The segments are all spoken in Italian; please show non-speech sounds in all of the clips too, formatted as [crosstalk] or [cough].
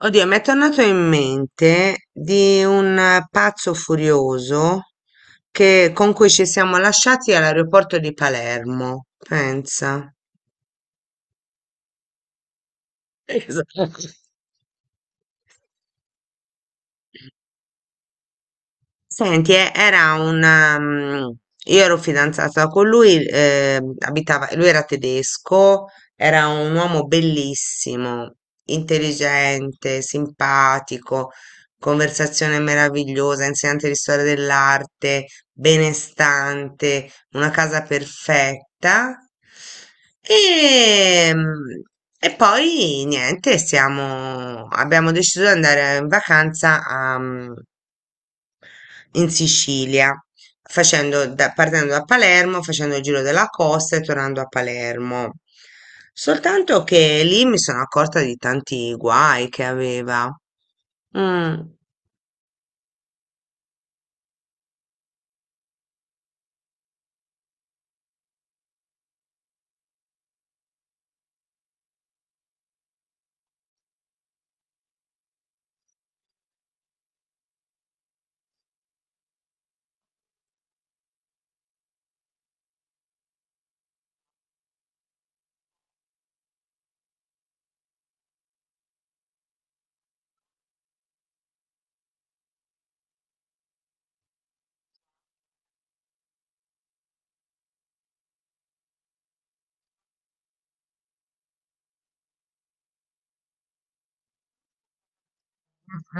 Oddio, mi è tornato in mente di un pazzo furioso con cui ci siamo lasciati all'aeroporto di Palermo, pensa. [laughs] Esatto. Senti, era un. Io ero fidanzata con lui, abitava, lui era tedesco, era un uomo bellissimo, intelligente, simpatico, conversazione meravigliosa, insegnante di storia dell'arte, benestante, una casa perfetta. E, mm, e poi niente, siamo, abbiamo deciso di andare in vacanza a, in Sicilia, partendo da Palermo, facendo il giro della costa e tornando a Palermo. Soltanto che lì mi sono accorta di tanti guai che aveva. Mm.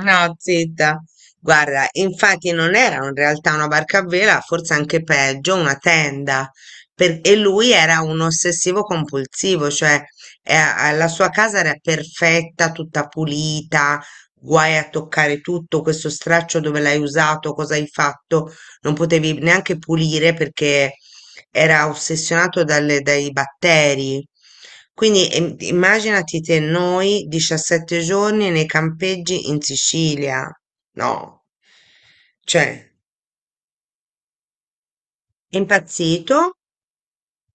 No, zitta. Guarda, infatti non era in realtà una barca a vela, forse anche peggio, una tenda. E lui era un ossessivo compulsivo, cioè la sua casa era perfetta, tutta pulita, guai a toccare tutto, questo straccio dove l'hai usato, cosa hai fatto, non potevi neanche pulire perché era ossessionato dai batteri. Quindi immaginati te noi 17 giorni nei campeggi in Sicilia. No, cioè, è impazzito?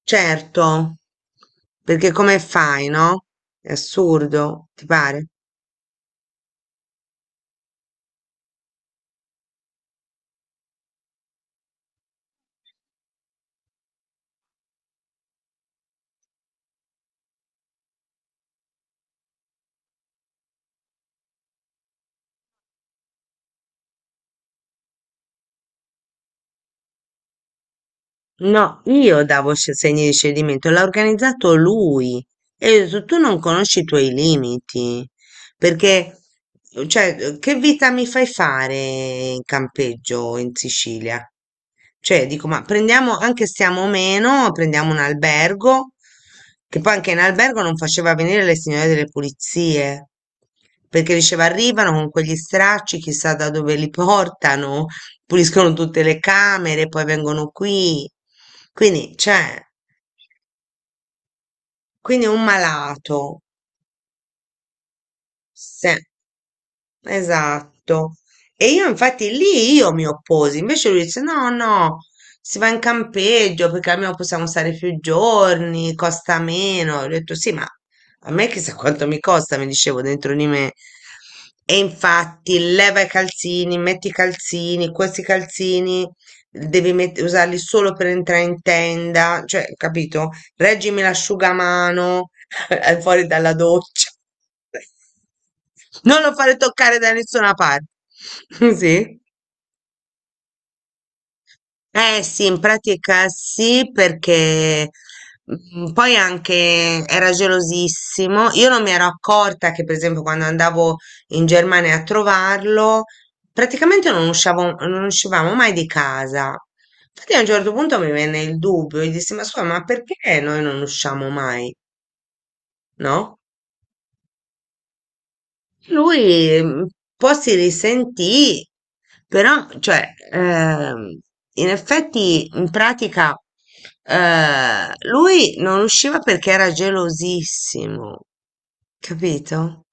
Certo, perché come fai, no? È assurdo, ti pare? No, io davo segni di cedimento, l'ha organizzato lui. E ho detto, tu non conosci i tuoi limiti, perché, cioè, che vita mi fai fare in campeggio in Sicilia? Cioè, dico, ma prendiamo, anche stiamo meno, prendiamo un albergo, che poi anche in albergo non faceva venire le signore delle pulizie, perché diceva, arrivano con quegli stracci, chissà da dove li portano, puliscono tutte le camere, poi vengono qui. Quindi, cioè, quindi un malato. Sì, esatto. E io infatti lì io mi opposi, invece lui dice no, no, si va in campeggio perché almeno possiamo stare più giorni, costa meno. Ho detto sì, ma a me chissà quanto mi costa, mi dicevo dentro di me. E infatti leva i calzini, metti i calzini, questi calzini usarli solo per entrare in tenda, cioè, capito? Reggimi l'asciugamano, [laughs] è fuori dalla doccia. Non lo fare toccare da nessuna parte. [laughs] Sì. Eh sì, in pratica sì, perché poi anche era gelosissimo. Io non mi ero accorta che, per esempio, quando andavo in Germania a trovarlo, praticamente non uscivamo mai di casa. Infatti a un certo punto mi venne il dubbio e dissi, ma scusa, ma perché noi non usciamo mai? No? Lui un po' si risentì, però, cioè, in effetti, in pratica, lui non usciva perché era gelosissimo, capito?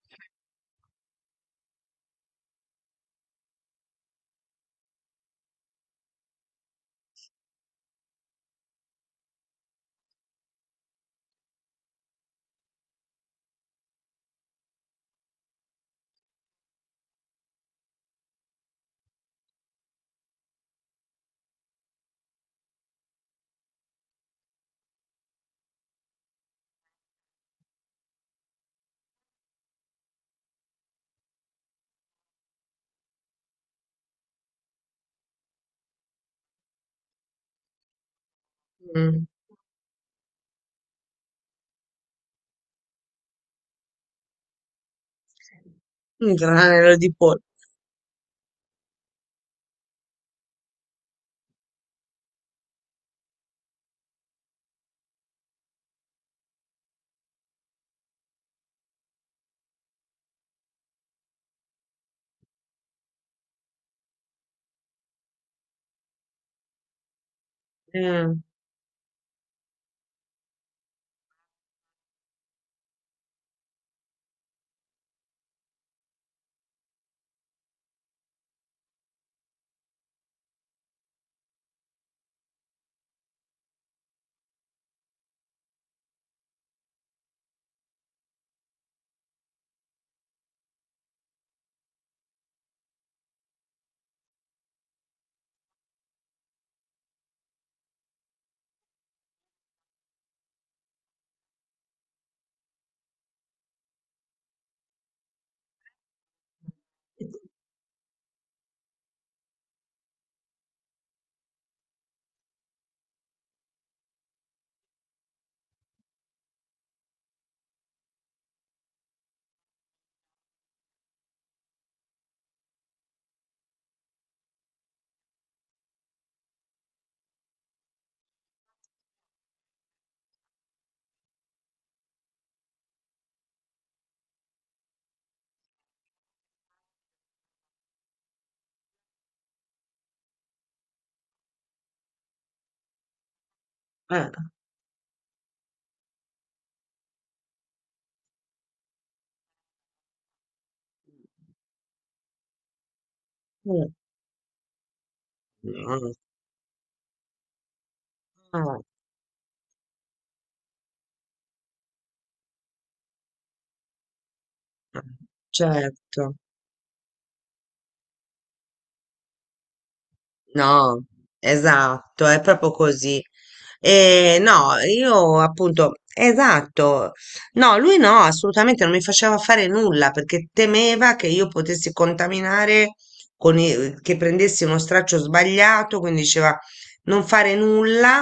Mm. Un granello di pollo. Eh, eh, eh, no, no, certo, no, esatto, è proprio così. No, io appunto, esatto, no, lui no, assolutamente non mi faceva fare nulla perché temeva che io potessi contaminare, che prendessi uno straccio sbagliato, quindi diceva non fare nulla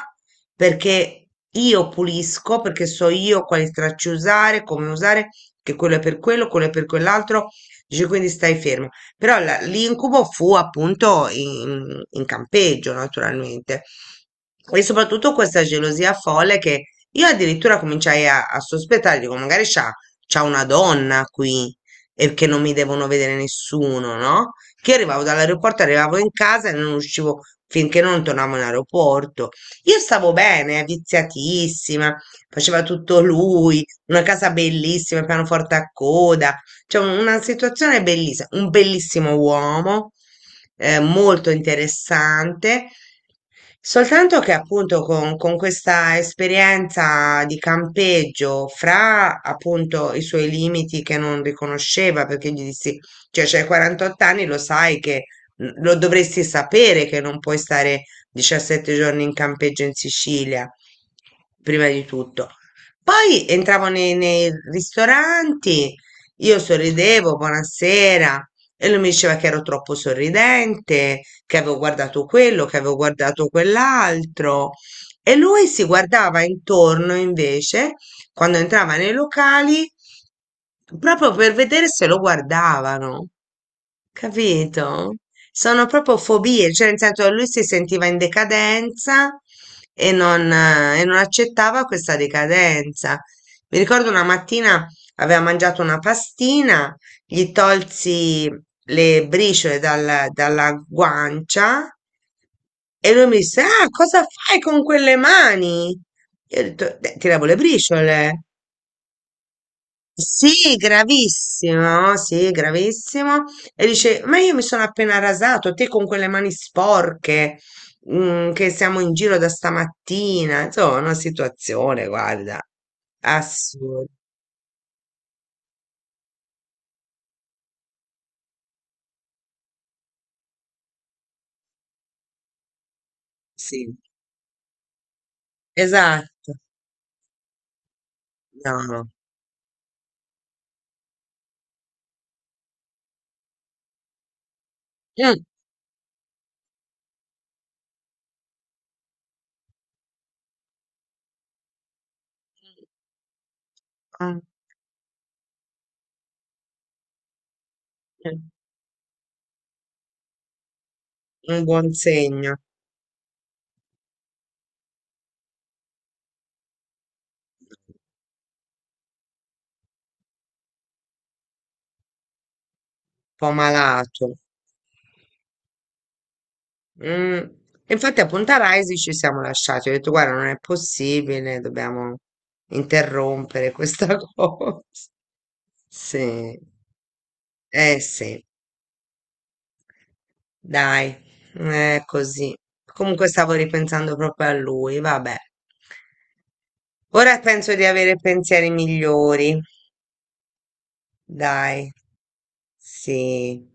perché io pulisco, perché so io quali stracci usare, come usare, che quello è per quello, quello è per quell'altro, dice quindi stai fermo. Però l'incubo fu appunto in campeggio, naturalmente e soprattutto questa gelosia folle che io addirittura cominciai a sospettare, dico, magari c'ha, c'ha una donna qui e che non mi devono vedere nessuno, no? Che io arrivavo dall'aeroporto, arrivavo in casa e non uscivo finché non tornavo in aeroporto. Io stavo bene, viziatissima, faceva tutto lui, una casa bellissima, pianoforte a coda, cioè una situazione bellissima, un bellissimo uomo, molto interessante. Soltanto che appunto con questa esperienza di campeggio, fra appunto i suoi limiti che non riconosceva, perché gli dissi, cioè c'hai 48 anni, lo sai che lo dovresti sapere che non puoi stare 17 giorni in campeggio in Sicilia, prima di tutto. Poi entravo nei, nei ristoranti, io sorridevo, buonasera, e lui mi diceva che ero troppo sorridente, che avevo guardato quello, che avevo guardato quell'altro. E lui si guardava intorno invece, quando entrava nei locali, proprio per vedere se lo guardavano. Capito? Sono proprio fobie, cioè nel senso lui si sentiva in decadenza e non accettava questa decadenza. Mi ricordo una mattina aveva mangiato una pastina, gli tolsi le briciole dalla guancia e lui mi disse, ah, cosa fai con quelle mani? Io ho detto, "Beh, tiravo le briciole." Sì, gravissimo, sì, gravissimo. E dice, ma io mi sono appena rasato, te con quelle mani sporche, che siamo in giro da stamattina. Insomma, una situazione, guarda, assurda. Sì, esatto. No, no. Mm, mm, mm, un buon segno, un po' malato. Mm. Infatti a Punta Raisi ci siamo lasciati. Ho detto, guarda, non è possibile, dobbiamo interrompere questa [laughs] cosa. Sì, eh sì, dai, è così. Comunque stavo ripensando proprio a lui, vabbè. Ora penso di avere pensieri migliori, dai, sì.